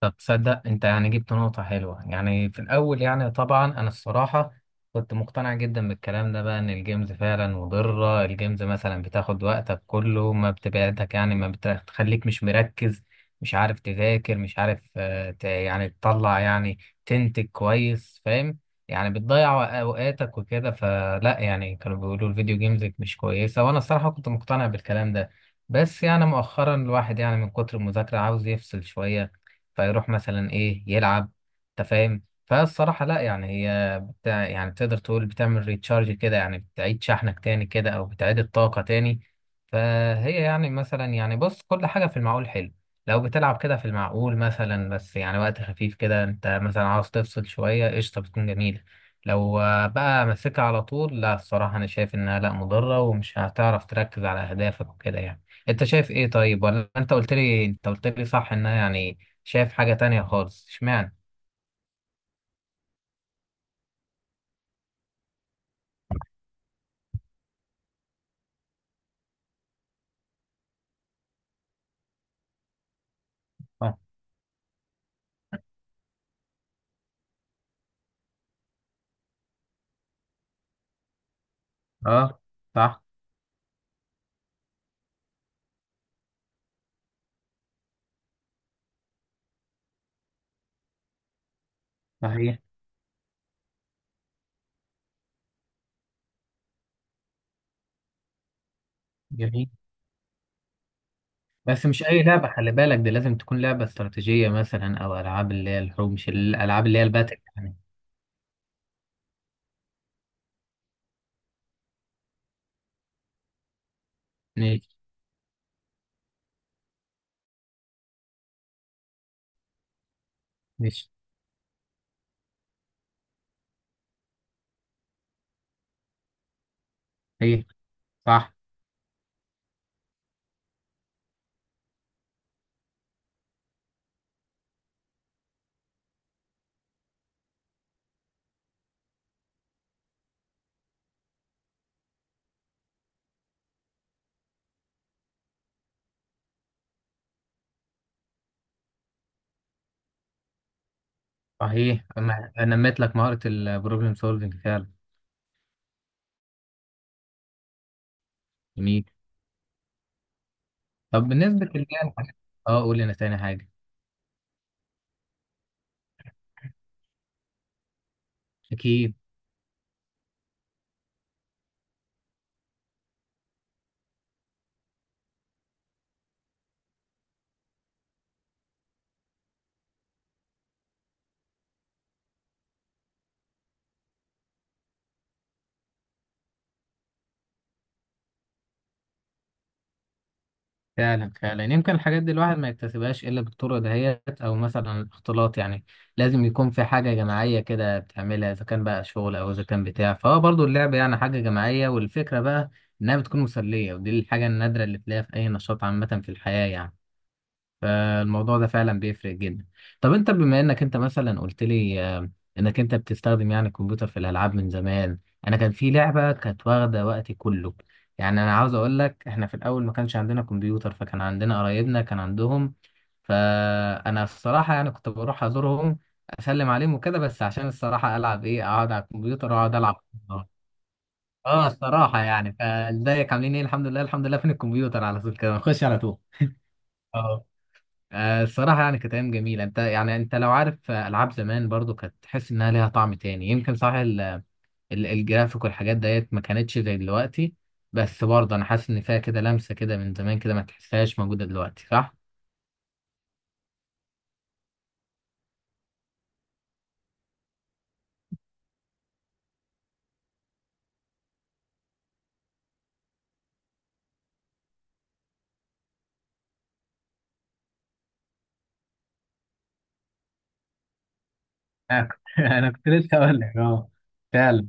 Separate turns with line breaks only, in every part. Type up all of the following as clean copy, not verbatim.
طب تصدق انت، يعني جبت نقطة حلوة يعني في الأول، يعني طبعا أنا الصراحة كنت مقتنع جدا بالكلام ده بقى، إن الجيمز فعلا مضرة. الجيمز مثلا بتاخد وقتك كله، ما بتبعدك يعني، ما بتخليك مش مركز، مش عارف تذاكر، مش عارف يعني تطلع، يعني تنتج كويس، فاهم؟ يعني بتضيع أوقاتك وكده، فلا يعني كانوا بيقولوا الفيديو جيمز مش كويسة، وأنا الصراحة كنت مقتنع بالكلام ده. بس يعني مؤخرا الواحد يعني من كتر المذاكرة عاوز يفصل شوية، فيروح مثلا ايه يلعب، انت فاهم؟ فالصراحة لا، يعني هي بتاع، يعني تقدر تقول بتعمل ريتشارج كده، يعني بتعيد شحنك تاني كده، او بتعيد الطاقة تاني. فهي يعني مثلا، يعني بص، كل حاجة في المعقول حلو. لو بتلعب كده في المعقول مثلا، بس يعني وقت خفيف كده، انت مثلا عاوز تفصل شوية، قشطة بتكون جميلة. لو بقى ماسكها على طول، لا الصراحة أنا شايف إنها لا، مضرة ومش هتعرف تركز على أهدافك وكده يعني. أنت شايف إيه؟ طيب، ولا أنت قلت لي، أنت قلت لي صح إنها يعني شايف حاجة تانية خالص، اشمعنى؟ اه، اه، صح، صحيح، جميل. بس مش اي لعبه، خلي بالك، دي لازم تكون لعبه استراتيجيه مثلا، او العاب اللي هي الحروب، مش الالعاب اللي هي الباتل يعني. ماشي، ماشي، صحيح، صح، صحيح. انا نميت لك مهاره البروبلم سولفنج فعلا، جميل. طب بالنسبه للي هي اه، قول لنا تاني حاجه. اكيد، فعلا، فعلا. يمكن الحاجات دي الواحد ما يكتسبهاش إلا بالطرق دهيت، أو مثلا الاختلاط يعني. لازم يكون في حاجة جماعية كده بتعملها، إذا كان بقى شغل أو إذا كان بتاع، فهو برضو اللعب يعني حاجة جماعية، والفكرة بقى إنها بتكون مسلية، ودي الحاجة النادرة اللي تلاقيها في أي نشاط عامة في الحياة يعني. فالموضوع ده فعلا بيفرق جدا. طب انت بما انك انت مثلا قلت لي انك انت بتستخدم يعني الكمبيوتر في الالعاب من زمان. انا كان في لعبه كانت واخده وقتي كله، يعني انا عاوز اقول لك، احنا في الاول ما كانش عندنا كمبيوتر، فكان عندنا قرايبنا كان عندهم. فانا الصراحه يعني كنت بروح ازورهم اسلم عليهم وكده، بس عشان الصراحه العب، ايه، اقعد على الكمبيوتر واقعد العب. اه الصراحه، يعني فازيك عاملين ايه، الحمد لله، الحمد لله، فين الكمبيوتر، على طول كده نخش على طول. الصراحة يعني كانت أيام جميلة، أنت يعني أنت لو عارف ألعاب زمان، برضو كانت تحس إنها ليها طعم تاني، يمكن صح الجرافيك والحاجات ديت ما كانتش زي دلوقتي. بس برضه أنا حاسس إن فيها كده لمسة كده من زمان كده، ما تحسهاش موجودة دلوقتي، صح؟ انا كنت أنا كنت لسه اقول لك اه، فعلا.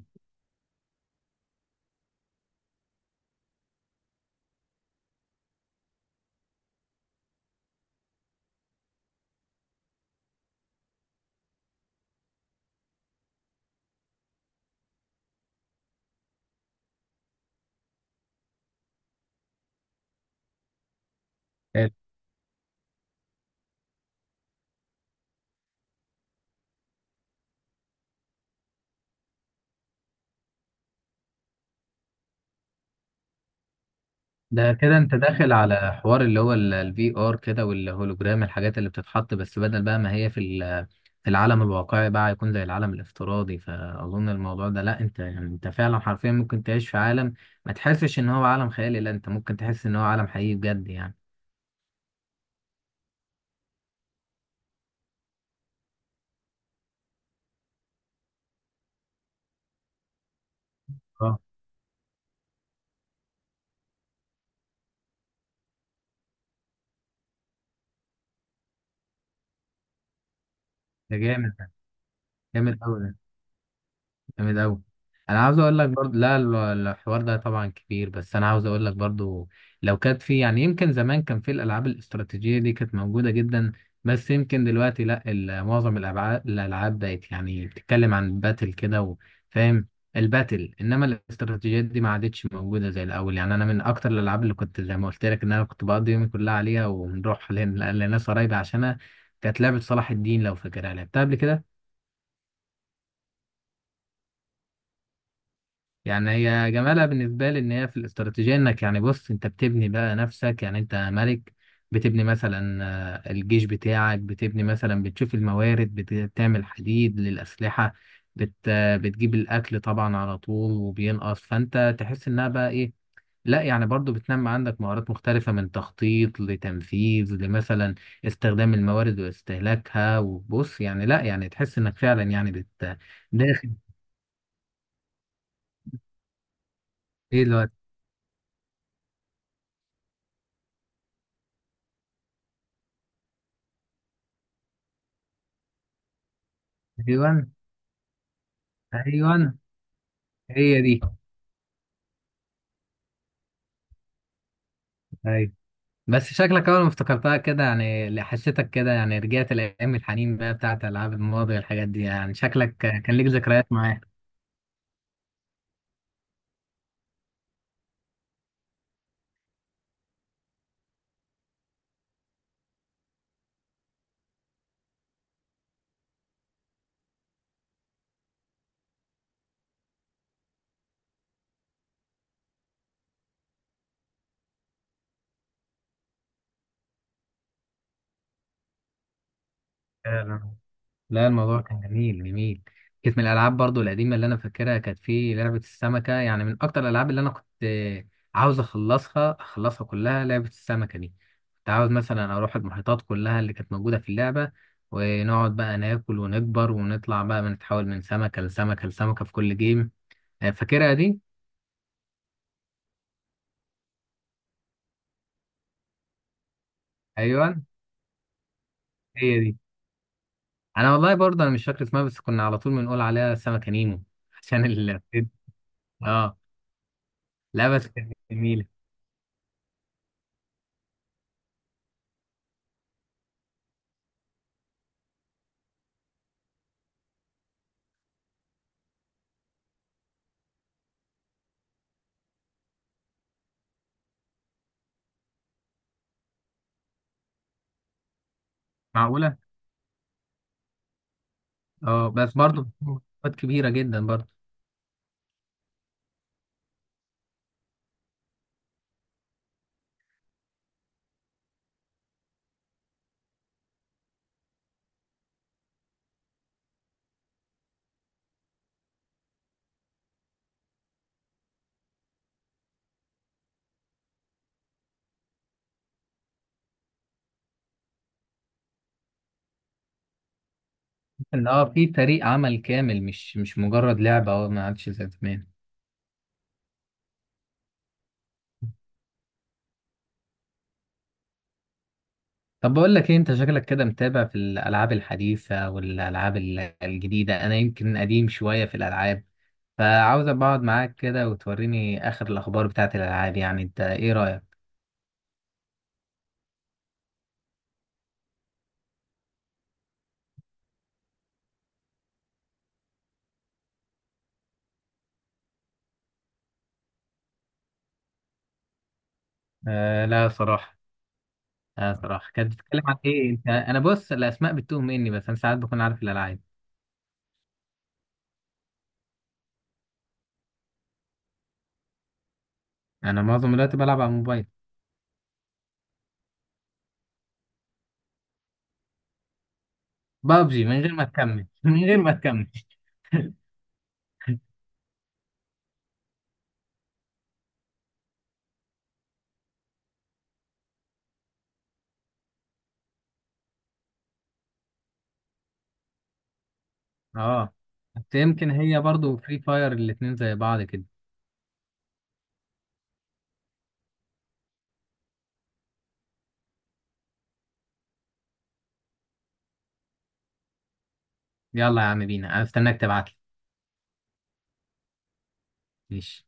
ده كده انت داخل على حوار اللي هو الفي ار كده والهولوجرام، الحاجات اللي بتتحط، بس بدل بقى ما هي في في العالم الواقعي، بقى يكون زي العالم الافتراضي، فاظن الموضوع ده لا، انت يعني انت فعلا حرفيا ممكن تعيش في عالم ما تحسش ان هو عالم خيالي، لا انت ممكن تحس ان هو عالم حقيقي بجد يعني. اه، ده جامد، جامد قوي، جامد أوي. أنا عاوز أقول لك برضه لا، الحوار ده طبعا كبير، بس أنا عاوز أقول لك برضه، لو كانت في يعني، يمكن زمان كان في الألعاب الاستراتيجية دي كانت موجودة جدا. بس يمكن دلوقتي لا، معظم الألعاب، الألعاب بقت يعني بتتكلم عن باتل كده فاهم، الباتل، إنما الاستراتيجيات دي ما عادتش موجودة زي الأول يعني. أنا من أكتر الألعاب اللي كنت، زي ما قلت لك إن أنا كنت بقضي يومي كلها عليها، ونروح لناس قرايبي عشانها، كانت لعبة صلاح الدين، لو فاكرها لعبتها قبل كده. يعني هي جمالها بالنسبة لي، إن هي في الاستراتيجية، إنك يعني بص، أنت بتبني بقى نفسك، يعني أنت ملك. بتبني مثلا الجيش بتاعك، بتبني مثلا بتشوف الموارد، بتعمل حديد للأسلحة، بت آه، بتجيب الأكل طبعا على طول وبينقص، فأنت تحس إنها بقى إيه، لا يعني برضو بتنمي عندك مهارات مختلفة، من تخطيط لتنفيذ لمثلا استخدام الموارد واستهلاكها، وبص يعني لا، يعني تحس إنك فعلا يعني بت داخل. إيه الوقت، أيوه، أيوه، هي دي، ايوه. بس شكلك اول ما افتكرتها كده، يعني اللي حسيتك كده، يعني رجعت لايام الحنين بقى بتاعت العاب الماضي والحاجات دي يعني، شكلك كان ليك ذكريات معاه. فعلا. لا الموضوع كان جميل، جميل. كانت من الالعاب برضو القديمه اللي انا فاكرها، كانت في لعبه السمكه، يعني من اكتر الالعاب اللي انا كنت عاوز اخلصها، اخلصها كلها لعبه السمكه دي. كنت عاوز مثلا اروح المحيطات كلها اللي كانت موجوده في اللعبه، ونقعد بقى ناكل ونكبر ونطلع بقى بنتحول من سمكه لسمكه لسمكه في كل جيم. فاكرها دي، ايوه، هي دي. انا والله برضه انا مش فاكر اسمها، بس كنا على طول بنقول عليها سمكة نيمو عشان ال، اه، لا بس كانت جميلة. معقولة، اه بس برضه مسابقات كبيرة جدا برضه. ان اه، في فريق عمل كامل، مش مجرد لعبة، اه ما عادش زي زمان. طب بقول لك ايه، انت شكلك كده متابع في الالعاب الحديثة والالعاب الجديدة، انا يمكن قديم شوية في الالعاب، فعاوز أبقى اقعد معاك كده وتوريني اخر الاخبار بتاعت الالعاب يعني، انت ايه رأيك؟ آه لا صراحة. لا صراحة، كانت بتتكلم عن ايه، انت انا بص الاسماء بتتوه مني، بس انا ساعات بكون عارف الالعاب. انا معظم الوقت بلعب على الموبايل. بابجي، من غير ما تكمل من غير ما تكمل. اه، بس يمكن هي برضو فري فاير، الاتنين زي بعض كده. يلا يا عم بينا، انا استناك تبعتلي، ماشي.